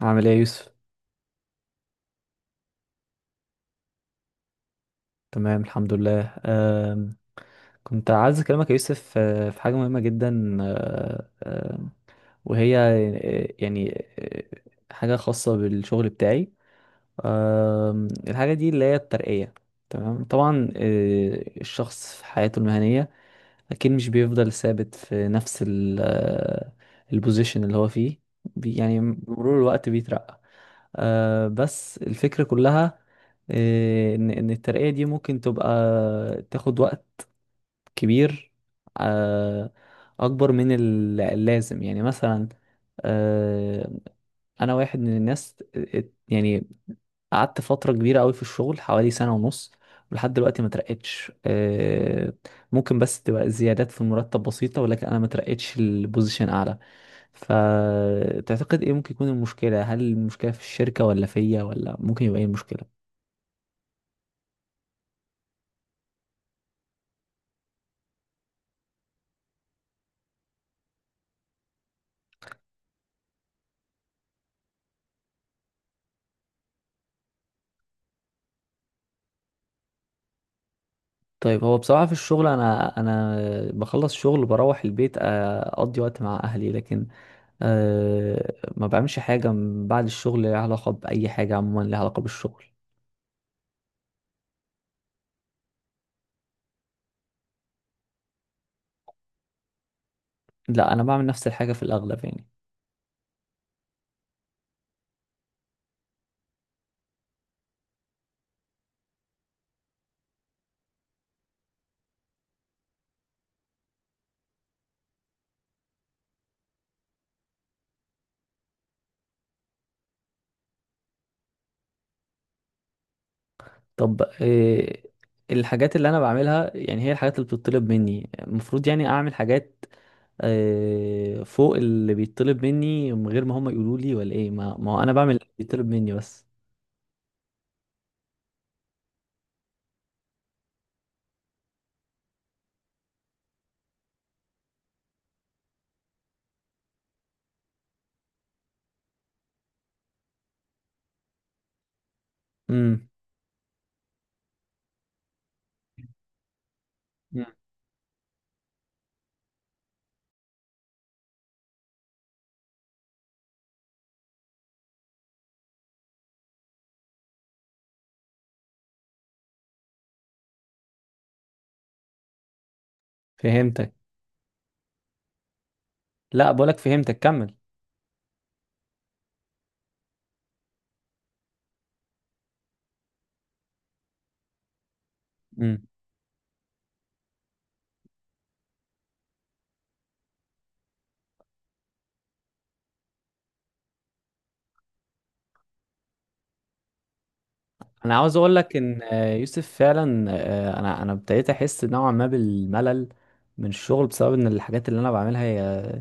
عامل ايه يا يوسف؟ تمام، الحمد لله. كنت عايز اكلمك يا يوسف، في حاجه مهمه جدا. أه، أم، وهي، يعني، حاجه خاصه بالشغل بتاعي. الحاجه دي اللي هي الترقيه. تمام، طبعا. الشخص في حياته المهنيه اكيد مش بيفضل ثابت في نفس ال- أه، البوزيشن اللي هو فيه. يعني بمرور الوقت بيترقى. بس الفكرة كلها، إن الترقية دي ممكن تبقى تاخد وقت كبير، آه أكبر من اللازم، يعني مثلا، آه أنا واحد من الناس، يعني قعدت فترة كبيرة أوي في الشغل، حوالي سنة ونص، ولحد دلوقتي ما ترقتش. ممكن بس تبقى زيادات في المرتب بسيطة، ولكن أنا ما ترقتش البوزيشن أعلى. فتعتقد ايه ممكن يكون المشكلة؟ هل المشكلة في الشركة، ولا فيا، ولا ممكن يبقى ايه المشكلة؟ طيب، هو بصراحة في الشغل انا بخلص شغل بروح البيت، اقضي وقت مع اهلي، لكن ما بعملش حاجة من بعد الشغل ليها علاقة بأي حاجة، عموما ليها علاقة بالشغل. لا، انا بعمل نفس الحاجة في الاغلب يعني. طب، الحاجات اللي انا بعملها يعني هي الحاجات اللي بتطلب مني. المفروض يعني اعمل حاجات فوق اللي بيطلب مني، من غير ما هم يقولوا لي، ولا ايه؟ ما هو انا بعمل اللي بيطلب مني بس. امم. فهمتك. لا بقولك فهمتك، كمل. امم انا عاوز اقول لك ان، يوسف، فعلا، انا ابتديت احس نوعا ما بالملل من الشغل، بسبب ان الحاجات اللي انا بعملها هي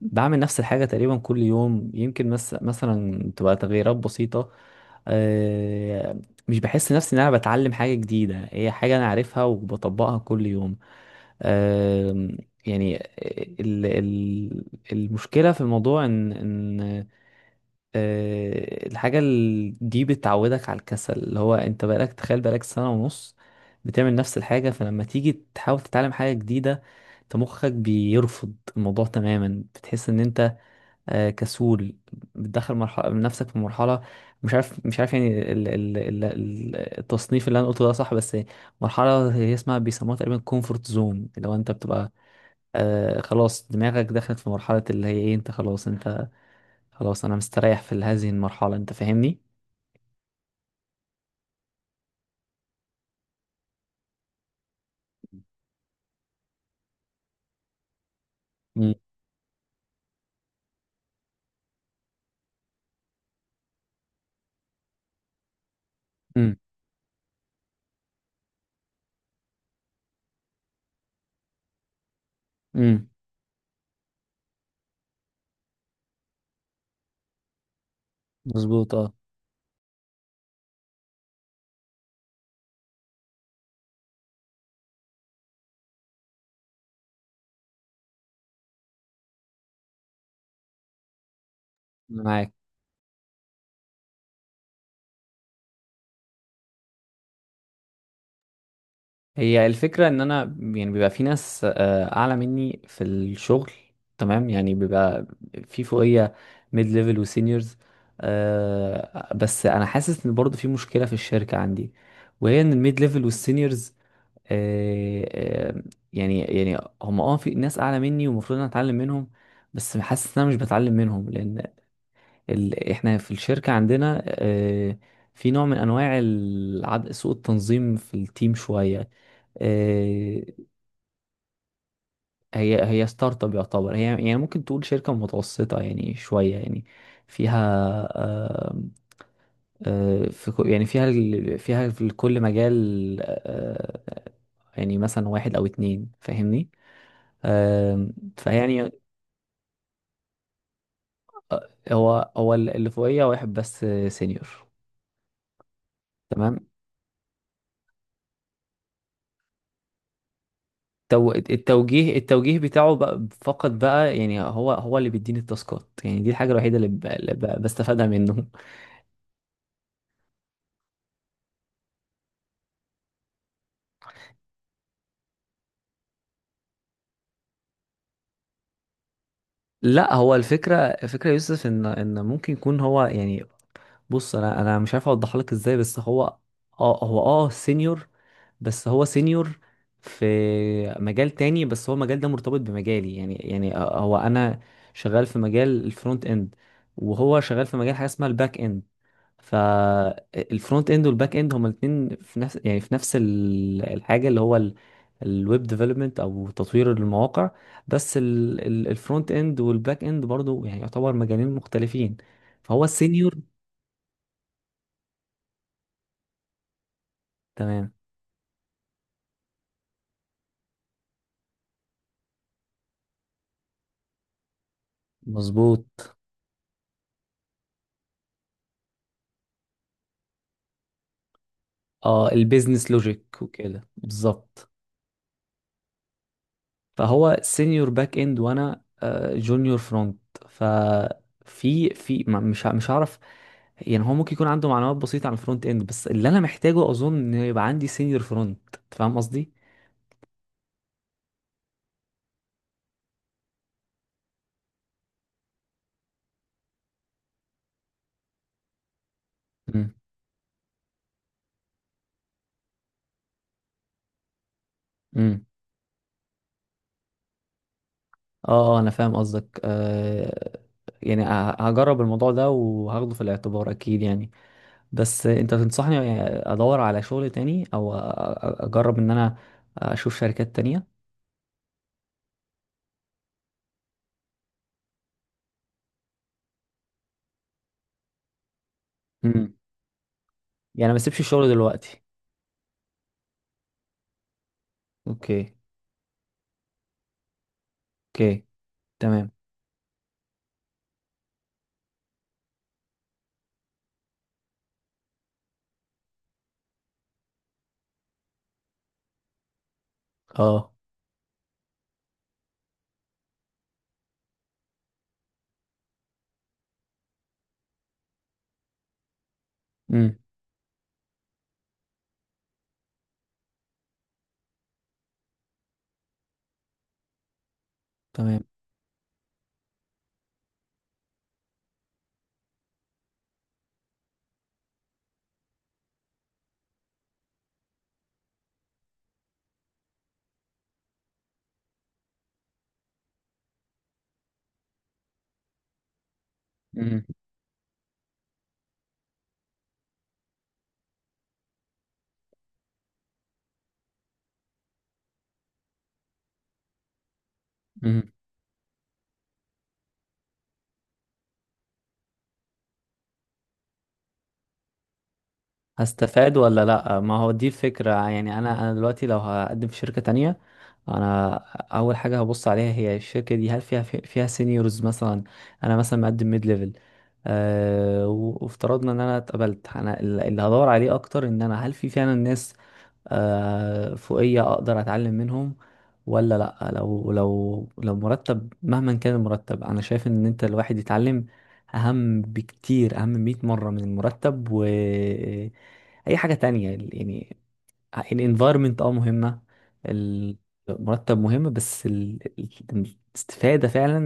بعمل نفس الحاجه تقريبا كل يوم. يمكن مس مثلا تبقى تغييرات بسيطه. آه، مش بحس نفسي ان انا بتعلم حاجه جديده، هي حاجه انا عارفها وبطبقها كل يوم. آم، يعني ال- ال- المشكلة في الموضوع إن الحاجة دي بتعودك على الكسل، اللي هو أنت بقالك، تخيل، بقالك سنة ونص بتعمل نفس الحاجة. فلما تيجي تحاول تتعلم حاجة جديدة أنت مخك بيرفض الموضوع تماما، بتحس إن أنت كسول. بتدخل مرحلة من نفسك، في مرحلة، مش عارف يعني التصنيف اللي أنا قلته ده صح بس، مرحلة هي اسمها بيسموها تقريبا كومفورت زون. لو أنت بتبقى خلاص دماغك دخلت في مرحلة اللي هي ايه، انت خلاص، انت خلاص، انا مستريح في هذه المرحلة، انت فاهمني؟ مم. امم، امم، مظبوط، اه. أنا معاك. هي الفكرة ان انا يعني بيبقى في ناس اعلى مني في الشغل، تمام، يعني بيبقى في فوقية، ميد ليفل وسينيورز. بس انا حاسس ان برضه في مشكلة في الشركة عندي، وهي ان الميد ليفل والسينيورز، آه، آه، يعني هم في ناس اعلى مني ومفروض انا اتعلم منهم. بس حاسس ان انا مش بتعلم منهم، لان احنا في الشركه عندنا، في نوع من انواع سوء التنظيم في التيم شويه. آه، هي ستارت اب يعتبر. هي يعني ممكن تقول شركه متوسطه، يعني شويه يعني، فيها آه، يعني فيها في كل مجال، يعني مثلا واحد او اتنين، فاهمني؟ فيعني، هو اللي فوقيه واحد بس سينيور. تمام. التوجيه بتاعه بقى فقط بقى، يعني هو اللي بيديني التاسكات. يعني دي الحاجه الوحيده اللي بستفادها منه. لا، هو الفكره يا يوسف، ان ممكن يكون هو يعني، بص انا مش عارف اوضح لك ازاي. بس هو سينيور. بس هو سينيور في مجال تاني، بس هو المجال ده مرتبط بمجالي، يعني هو انا شغال في مجال الفرونت اند، وهو شغال في مجال حاجه اسمها الباك اند. فالفرونت اند والباك اند هما الاثنين في نفس، يعني في نفس الحاجه اللي هو الويب ديفلوبمنت، او تطوير المواقع. بس الفرونت اند والباك اند برضو يعني يعتبر مجالين مختلفين. فهو السينيور. تمام، مظبوط. اه البيزنس لوجيك وكده بالظبط. فهو سينيور باك اند، وانا جونيور فرونت. ففي في ما- مش ه- مش هعرف. يعني هو ممكن يكون عنده معلومات بسيطة عن الفرونت اند، بس اللي انا محتاجه اظن ان يبقى عندي سينيور فرونت. فاهم قصدي؟ امم، امم، اه. انا فاهم قصدك، يعني هجرب الموضوع ده وهاخده في الاعتبار اكيد يعني. بس انت تنصحني ادور على شغل تاني، او اجرب ان انا اشوف شركات تانية؟ امم. يعني ما اسيبش الشغل دلوقتي. اوكي. اوكي. تمام. اه. امم. تمام. امم. امم. هستفاد ولا لا؟ ما هو دي الفكرة يعني. انا دلوقتي لو هقدم في شركة تانية، انا اول حاجة هبص عليها هي الشركة دي، هل فيها فيها سينيورز مثلا. انا مثلا مقدم ميد ليفل. وافترضنا ان انا اتقبلت، انا اللي هدور عليه اكتر ان انا، هل في فعلا ناس فوقية أقدر أتعلم منهم ولا لأ. لو مرتب مهما كان المرتب، أنا شايف إن أنت الواحد يتعلم أهم بكتير، أهم 100 مرة من المرتب و أي حاجة تانية يعني. الانفايرمنت، مهمة. المرتب مهم، بس الاستفادة فعلا،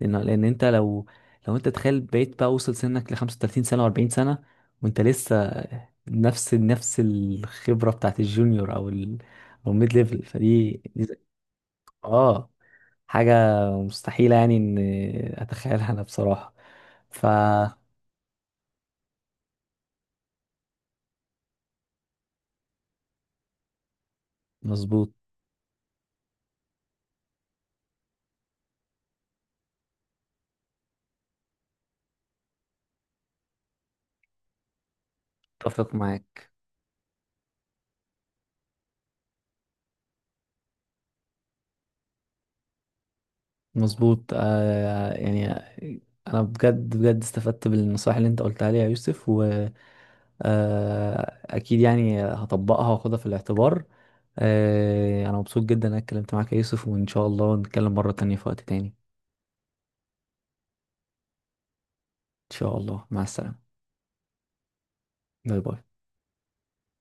لان انت لو، انت تخيل بقيت بقى وصل سنك ل 35 سنة و40 سنة وانت لسه نفس الخبرة بتاعت الجونيور، او او الميد ليفل، فدي اه حاجة مستحيلة يعني ان اتخيلها انا بصراحة. ف مظبوط. اتفق معاك. مظبوط، يعني، انا بجد بجد استفدت بالنصائح اللي انت قلتها لي يا يوسف، و اكيد يعني هطبقها واخدها في الاعتبار. انا مبسوط جدا إن انا اتكلمت معاك يا يوسف، وان شاء الله نتكلم مرة تانية في وقت تاني. ان شاء الله، مع السلامة. باي باي.